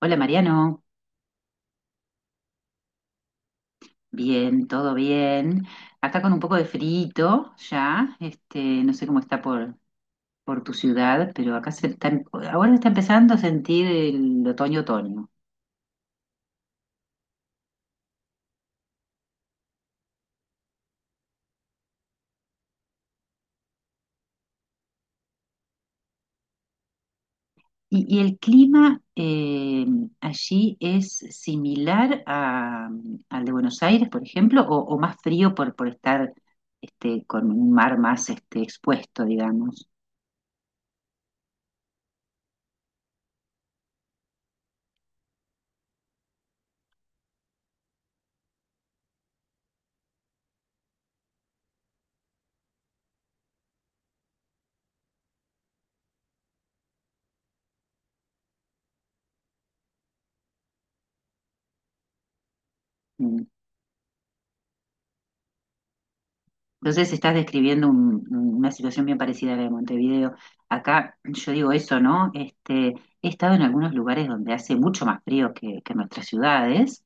Hola Mariano, bien, todo bien. Acá con un poco de frito ya, no sé cómo está por tu ciudad, pero acá se está, ahora está empezando a sentir el otoño-otoño. Y el clima allí es similar a- al de Buenos Aires, por ejemplo, o más frío por estar este, con un mar más este, expuesto, digamos. Mm. Entonces estás describiendo una situación bien parecida a la de Montevideo. Acá yo digo eso, ¿no? Este, he estado en algunos lugares donde hace mucho más frío que nuestras ciudades,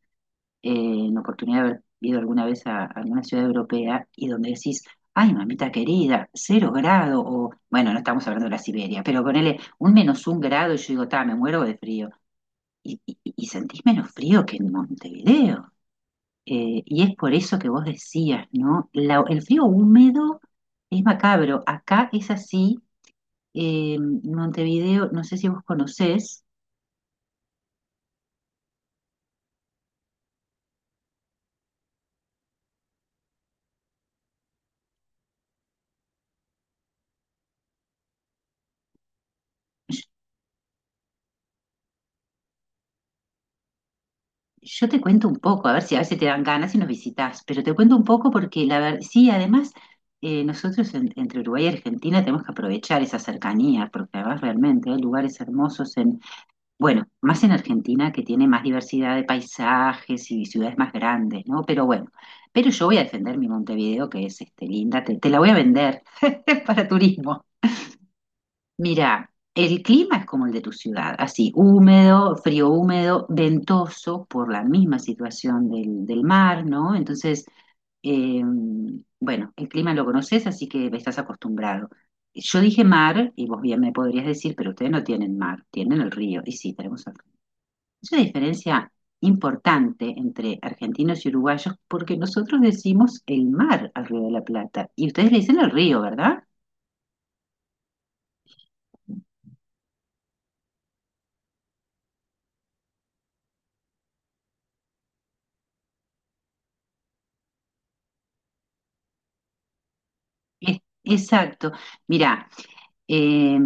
eh, en oportunidad de haber ido alguna vez a alguna ciudad europea y donde decís, ay, mamita querida, cero grado, o bueno, no estamos hablando de la Siberia, pero ponele un menos un grado y yo digo, ta, me muero de frío. Y sentís menos frío que en Montevideo. Y es por eso que vos decías, ¿no? El frío húmedo es macabro. Acá es así. eh, Montevideo, no sé si vos conocés. Yo, yo te cuento un poco, a ver si a veces te dan ganas y nos visitás, pero te cuento un poco porque la verdad, sí, además, nosotros entre Uruguay y Argentina tenemos que aprovechar esa cercanía, porque además realmente hay lugares hermosos. Bueno, más en Argentina, que tiene más diversidad de paisajes y ciudades más grandes, ¿no? Pero yo voy a defender mi Montevideo, que es este, linda, te la voy a vender para turismo. Mira, el clima es como el de tu ciudad, así, húmedo, frío húmedo, ventoso por la misma situación del mar, ¿no? Entonces, eh, bueno, el clima lo conoces, así que estás acostumbrado. Yo dije mar, y vos bien me podrías decir, pero ustedes no tienen mar, tienen el río, y sí, tenemos el río. Es una diferencia importante entre argentinos y uruguayos porque nosotros decimos el mar al Río de la Plata y ustedes le dicen el río, ¿verdad? Exacto. Mira, eh,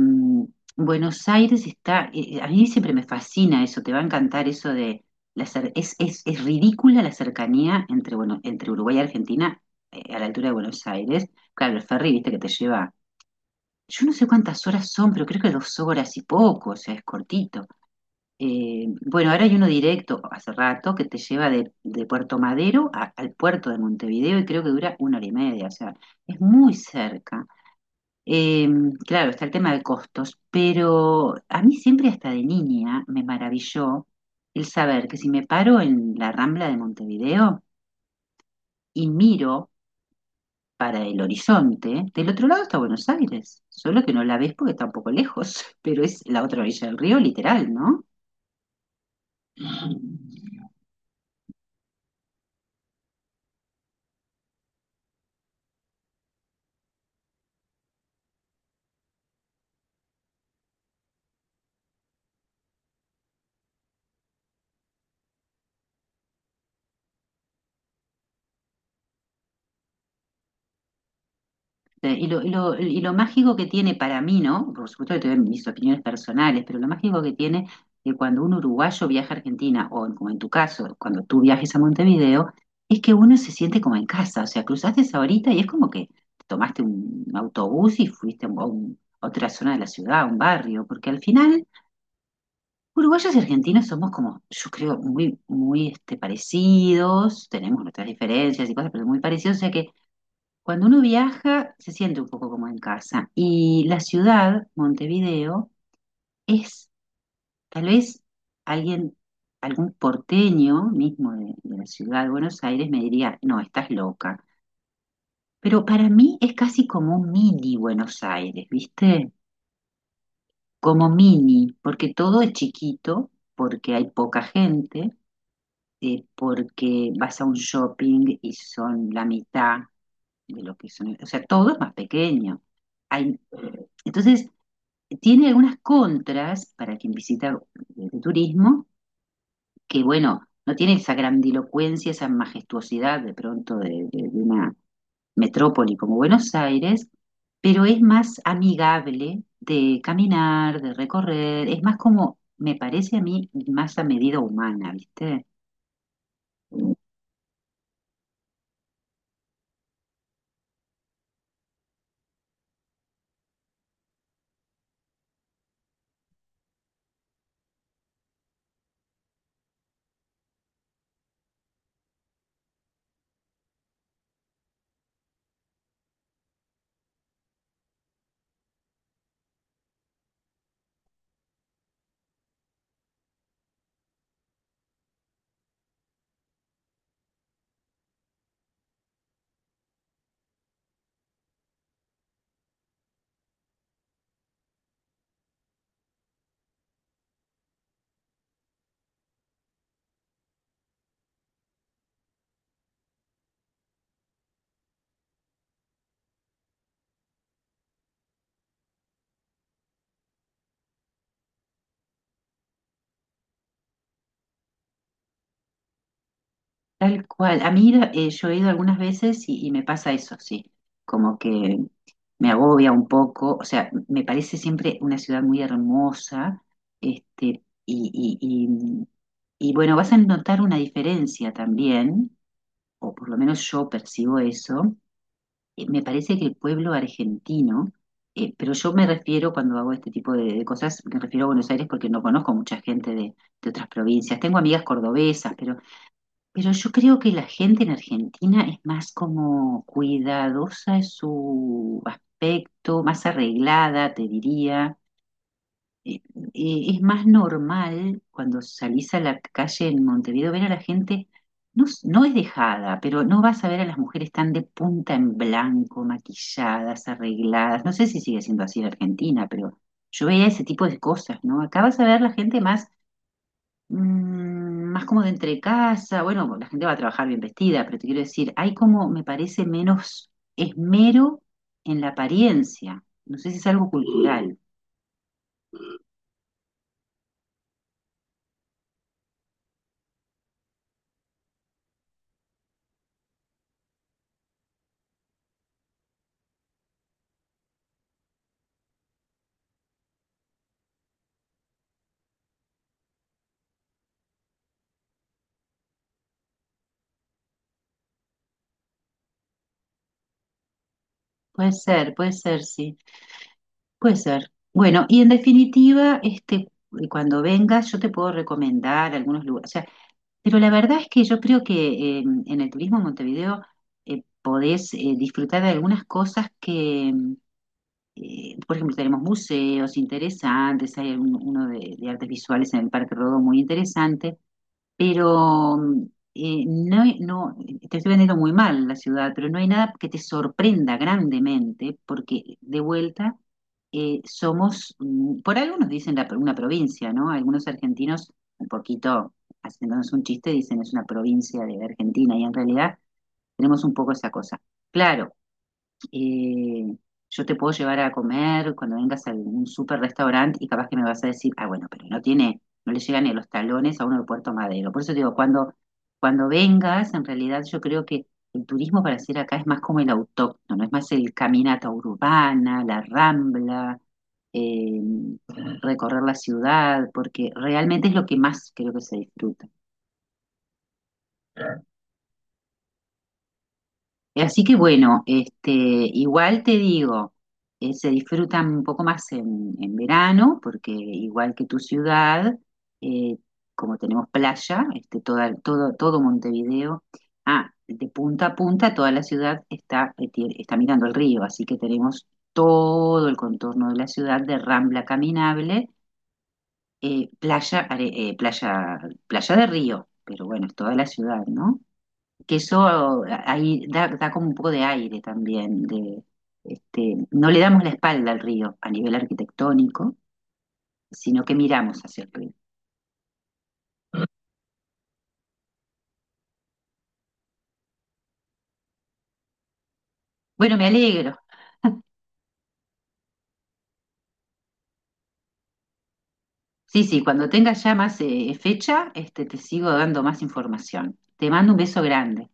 Buenos Aires está, a mí siempre me fascina eso, te va a encantar eso de, la cer- es ridícula la cercanía entre, bueno, entre Uruguay y Argentina, a la altura de Buenos Aires. Claro, el ferry, viste, que te lleva, yo no sé cuántas horas son, pero creo que dos horas y poco, o sea, es cortito. Bueno, ahora hay uno directo hace rato que te lleva de Puerto Madero al puerto de Montevideo, y creo que dura una hora y media, o sea, es muy cerca. Eh, claro, está el tema de costos, pero a mí siempre, hasta de niña, me maravilló el saber que si me paro en la Rambla de Montevideo y miro para el horizonte, del otro lado está Buenos Aires, solo que no la ves porque está un poco lejos, pero es la otra orilla del río, literal, ¿no? Y lo mágico que tiene para mí, ¿no? Por supuesto que tengo mis opiniones personales, pero lo mágico que tiene, que cuando un uruguayo viaja a Argentina, como en tu caso, cuando tú viajes a Montevideo, es que uno se siente como en casa, o sea, cruzaste esa horita y es como que te tomaste un autobús y fuiste a otra zona de la ciudad, a un barrio, porque al final uruguayos y argentinos somos como, yo creo, muy este, parecidos, tenemos nuestras diferencias y cosas, pero muy parecidos, o sea que cuando uno viaja se siente un poco como en casa. Y la ciudad, Montevideo, es tal vez, alguien, algún porteño mismo de la ciudad de Buenos Aires me diría, no, estás loca. Pero para mí es casi como un mini Buenos Aires, ¿viste? Como mini, porque todo es chiquito, porque hay poca gente, porque vas a un shopping y son la mitad de lo que son, o sea, todo es más pequeño. Hay- entonces, tiene algunas contras para quien visita de turismo, que bueno, no tiene esa grandilocuencia, esa majestuosidad de pronto de una metrópoli como Buenos Aires, pero es más amigable de caminar, de recorrer, es más como, me parece a mí, más a medida humana, ¿viste? Tal cual. A mí yo he ido algunas veces y me pasa eso, sí. Como que me agobia un poco. O sea, me parece siempre una ciudad muy hermosa. Este, y, y, y bueno, vas a notar una diferencia también, o por lo menos yo percibo eso. Me parece que el pueblo argentino, pero yo me refiero, cuando hago este tipo de cosas, me refiero a Buenos Aires porque no conozco mucha gente de otras provincias. Tengo amigas cordobesas, pero yo creo que la gente en Argentina es más como cuidadosa en su aspecto, más arreglada, te diría. Eh, es más normal cuando salís a la calle en Montevideo ver a la gente, no, no es dejada, pero no vas a ver a las mujeres tan de punta en blanco, maquilladas, arregladas. No sé si sigue siendo así en Argentina, pero yo veía ese tipo de cosas, ¿no? Acá vas a ver la gente más más como de entre casa, bueno, pues, la gente va a trabajar bien vestida, pero te quiero decir, hay como, me parece, menos esmero en la apariencia. No sé si es algo cultural. Puede ser, sí, puede ser. Bueno, y en definitiva, este, cuando vengas, yo te puedo recomendar algunos lugares. O sea, pero la verdad es que yo creo que en el turismo en Montevideo, podés disfrutar de algunas cosas que por ejemplo, tenemos museos interesantes, hay uno de artes visuales en el Parque Rodó muy interesante, pero no, no, te estoy vendiendo muy mal la ciudad, pero no hay nada que te sorprenda grandemente, porque de vuelta, somos, por algunos dicen una provincia, ¿no? Algunos argentinos, un poquito haciéndonos un chiste, dicen es una provincia de Argentina, y en realidad tenemos un poco esa cosa. Claro, eh, yo te puedo llevar a comer cuando vengas a algún super restaurante y capaz que me vas a decir, ah, bueno, pero no tiene, no le llegan ni a los talones a uno de Puerto Madero. Por eso te digo, cuando vengas, en realidad yo creo que el turismo para hacer acá es más como el autóctono, es más el caminata urbana, la rambla, eh, recorrer la ciudad, porque realmente es lo que más creo que se disfruta. Así que bueno, este, igual te digo, se disfrutan un poco más en verano, porque igual que tu ciudad, eh, como tenemos playa, este, todo Montevideo, ah, de punta a punta, toda la ciudad está, está mirando el río, así que tenemos todo el contorno de la ciudad de rambla caminable, eh, playa, are- eh, playa, playa de río, pero bueno, es toda la ciudad, ¿no? Que eso, ahí da, da como un poco de aire también, de, este, no le damos la espalda al río a nivel arquitectónico, sino que miramos hacia el río. Bueno, me alegro. Sí, sí, cuando tengas ya más fecha, este, te sigo dando más información. Te mando un beso grande.